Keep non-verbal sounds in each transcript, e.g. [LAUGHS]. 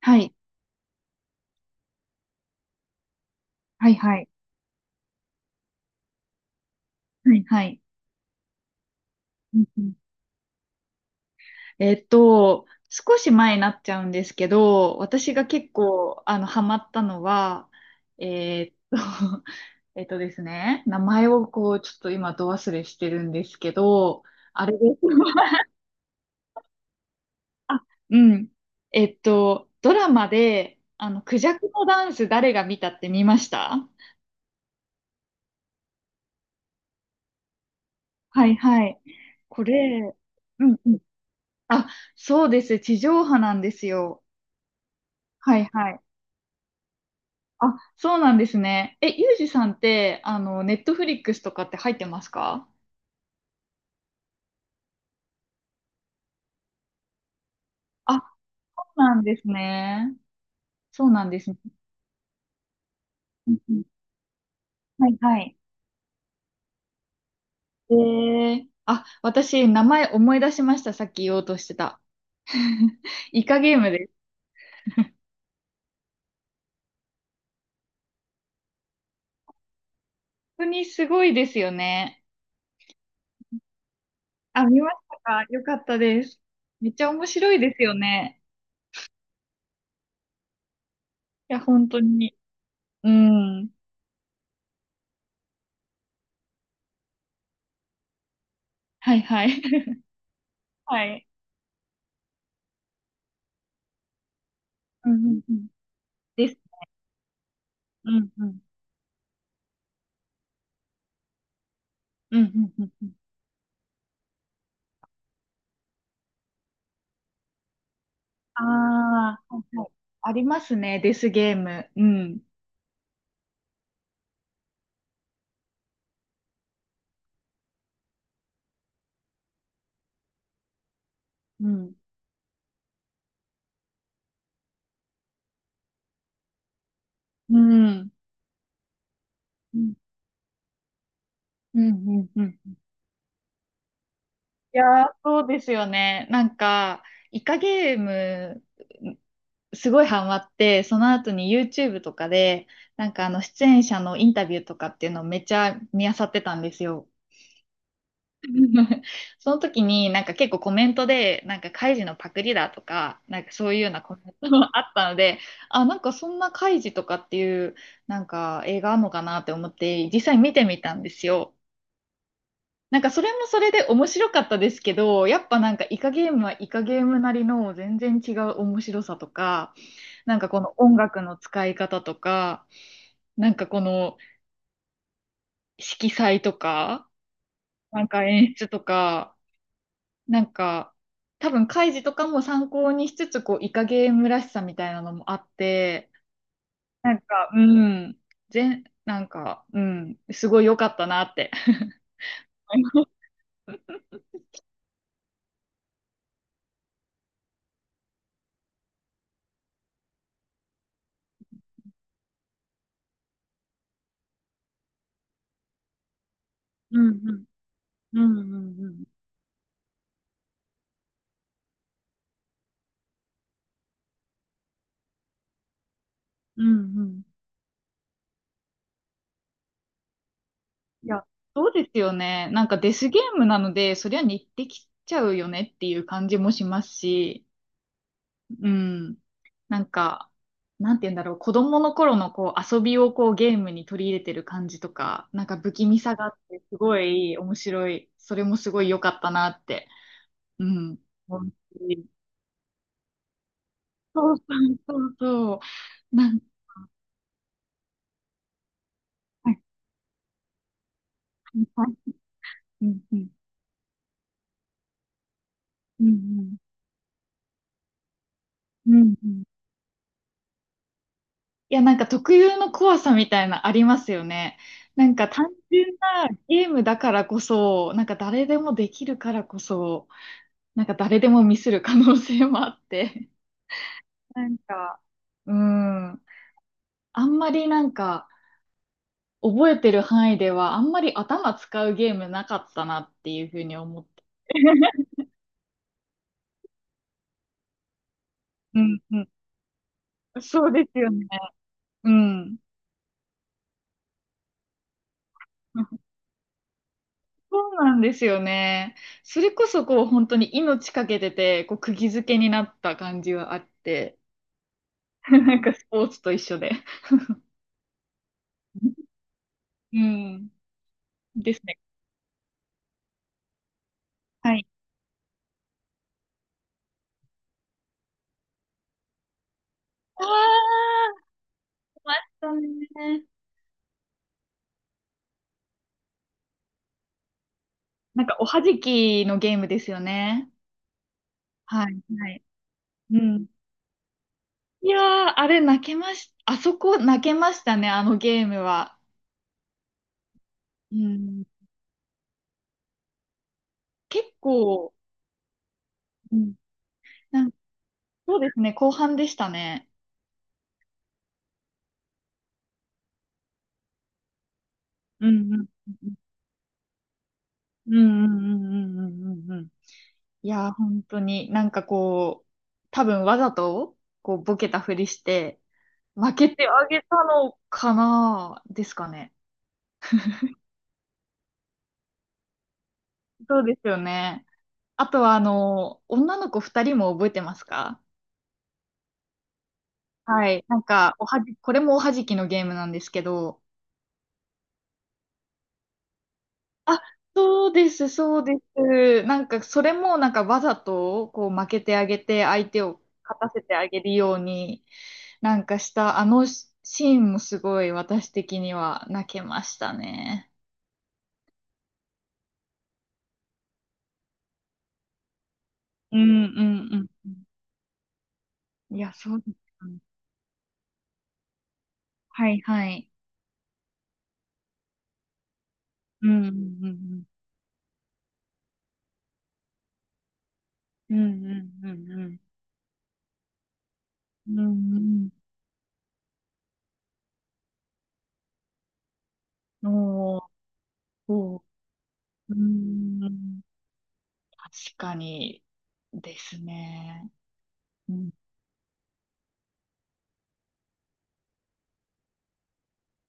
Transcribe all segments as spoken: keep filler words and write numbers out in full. はい。はいはい。はいはい。うんうん。えっと、少し前になっちゃうんですけど、私が結構、あの、ハマったのは、えっと、[LAUGHS] えっとですね、名前をこう、ちょっと今、ど忘れしてるんですけど、あれです。[LAUGHS] あ、うん。えっと、ドラマで、あの、クジャクのダンス誰が見たって見ました？はいはい。これ、うんうん。あ、そうです。地上波なんですよ。はいはい。あ、そうなんですね。え、ゆうじさんって、あの、ネットフリックスとかって入ってますか？あ、そうなんですね。そうなんですね。うんうん。はいはい。えー、あ、私、名前思い出しました。さっき言おうとしてた。[LAUGHS] イカゲームです。本当にすごいですよね。あ、見ましたか？よかったです。めっちゃ面白いですよね。いや、本当に。うん。はいはい。[LAUGHS] はい。うんうんうん。です。うんうん。うんうんうんうん。ああ、はいはい。ありますね、デスゲーム。うん。うん。うん。うん。うん。うん。いやー、そうですよね。なんか、イカゲーム、すごいハマって、その後に YouTube とかで、なんかあの、出演者のインタビューとかっていうのをめっちゃ見漁ってたんですよ。[LAUGHS] その時になんか結構コメントでなんかカイジのパクリだとかなんかそういうようなコメントもあったので、あなんかそんなカイジとかっていうなんか映画あるのかなって思って実際見てみたんですよ。なんかそれもそれで面白かったですけど、やっぱなんかイカゲームはイカゲームなりの全然違う面白さとか、なんかこの音楽の使い方とか、なんかこの色彩とか、なんか演出とか、なんか、多分、カイジとかも参考にしつつ、こう、イカゲームらしさみたいなのもあって、なんか、うん、全、なんか、うん、すごい良かったなって。うんうんうんうんうんうん。いや、そうですよね。なんかデスゲームなので、そりゃ似てきちゃうよねっていう感じもしますし、うん。なんか、なんて言うんだろう、子供の頃のこう遊びをこうゲームに取り入れてる感じとか、なんか不気味さがあって、すごい面白い。それもすごい良かったなって。うん。思うし、そうそうそうそう。なんか、はい、はい。うんうん。うんうん。うんうん。いや、なんか特有の怖さみたいなありますよね。なんか単純なゲームだからこそ、なんか誰でもできるからこそ、なんか誰でもミスる可能性もあって、なんか、うん。あんまりなんか、覚えてる範囲では、あんまり頭使うゲームなかったなっていうふうに思って。うんうん。そうですよね。うん。そうなんですよね。それこそこう本当に命かけてて、こう釘付けになった感じはあって、[LAUGHS] なんかスポーツと一緒で。うん。ですね。はい。ああ、ありましたね。なんかおはじきのゲームですよね。はい、はい。うん。いやー、あれ泣けまし、あそこ泣けましたね、あのゲームは。うん。結構、うん。なんかそうですね、後半でしたね。うんうんうんうんうんうんうんうんうん。いやー、本当になんかこう、多分わざと、こう、ボケたふりして、負けてあげたのかなですかね。そうですよね。あとは、あの、女の子二人も覚えてますか？はい。なんか、おはじ、これもおはじきのゲームなんですけど、あ、そうです、そうです。なんか、それもなんかわざと、こう、負けてあげて、相手を勝たせてあげるように、なんかした、あのシーンもすごい私的には泣けましたね。うんうんうん。いや、そうですよね。はいはい。うんうんうんうんうんうんうんうんうんうん。おーおー。うん。確かにですね。うん、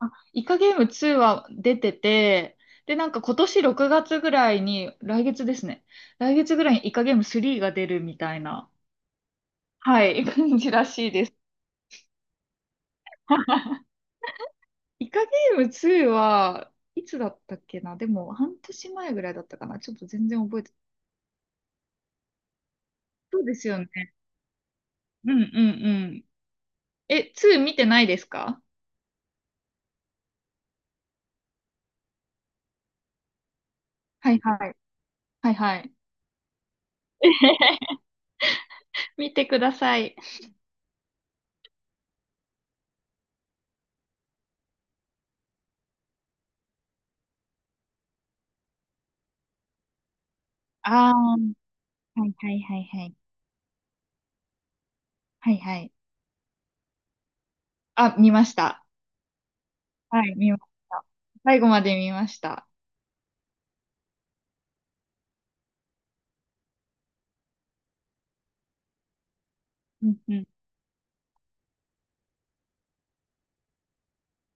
あ、イカゲームには出てて、で、なんか今年ろくがつぐらいに、来月ですね。来月ぐらいにイカゲームさんが出るみたいな、はい、感じらしいです。[LAUGHS] イカゲームにはいつだったっけな。でも半年前ぐらいだったかな、ちょっと全然覚えて。そうですよね。うんうんうん。え、に見てないですか？はいはい。はいはい。[LAUGHS] 見てください。ああ。はいはいはいはい。はいはい。あ、見ました。はい、見ました。最後まで見ました。うんうん。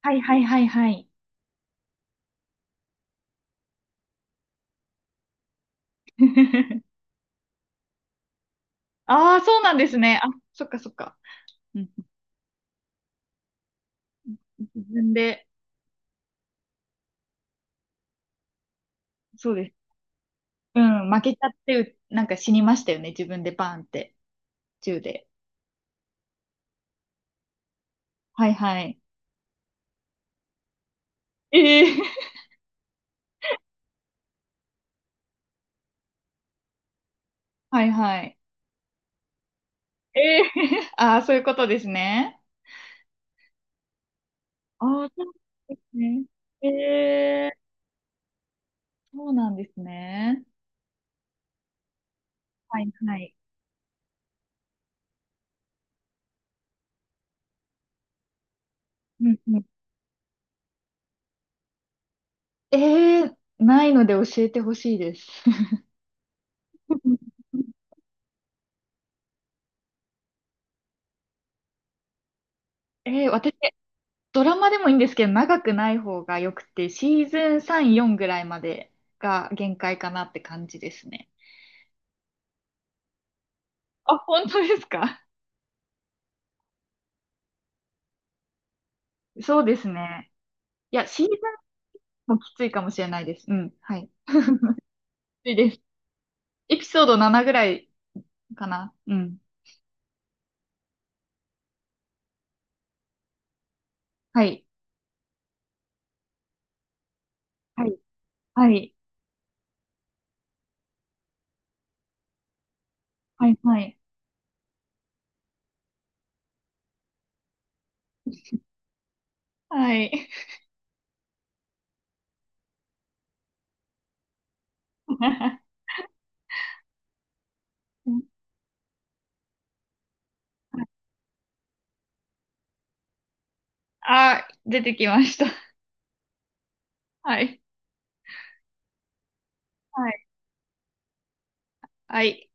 はいはいはいはい。[LAUGHS] ああ、そうなんですね。あ、そっかそっか。うん、自分で、そうです。うん、負けちゃって、なんか死にましたよね。自分でバーンって、銃で。はいはい。ええ [LAUGHS] はいはい。ええ [LAUGHS] ああ、そういうことですね。ああ、そうですね。ええ、そうなんですね。はいはい。うんうん。えー、ないので教えてほしいです。[LAUGHS] えー、私、ドラマでもいいんですけど、長くない方がよくて、シーズンさん、よんぐらいまでが限界かなって感じですね。あ、本当ですか？そうですね。いや、シーズンもきついかもしれないです。うん。はい。きついです。エピソードななぐらいかな。うん。はい。はい。はい。はい。はい。はい。[LAUGHS] あ、出てきました。はい。はい。はい。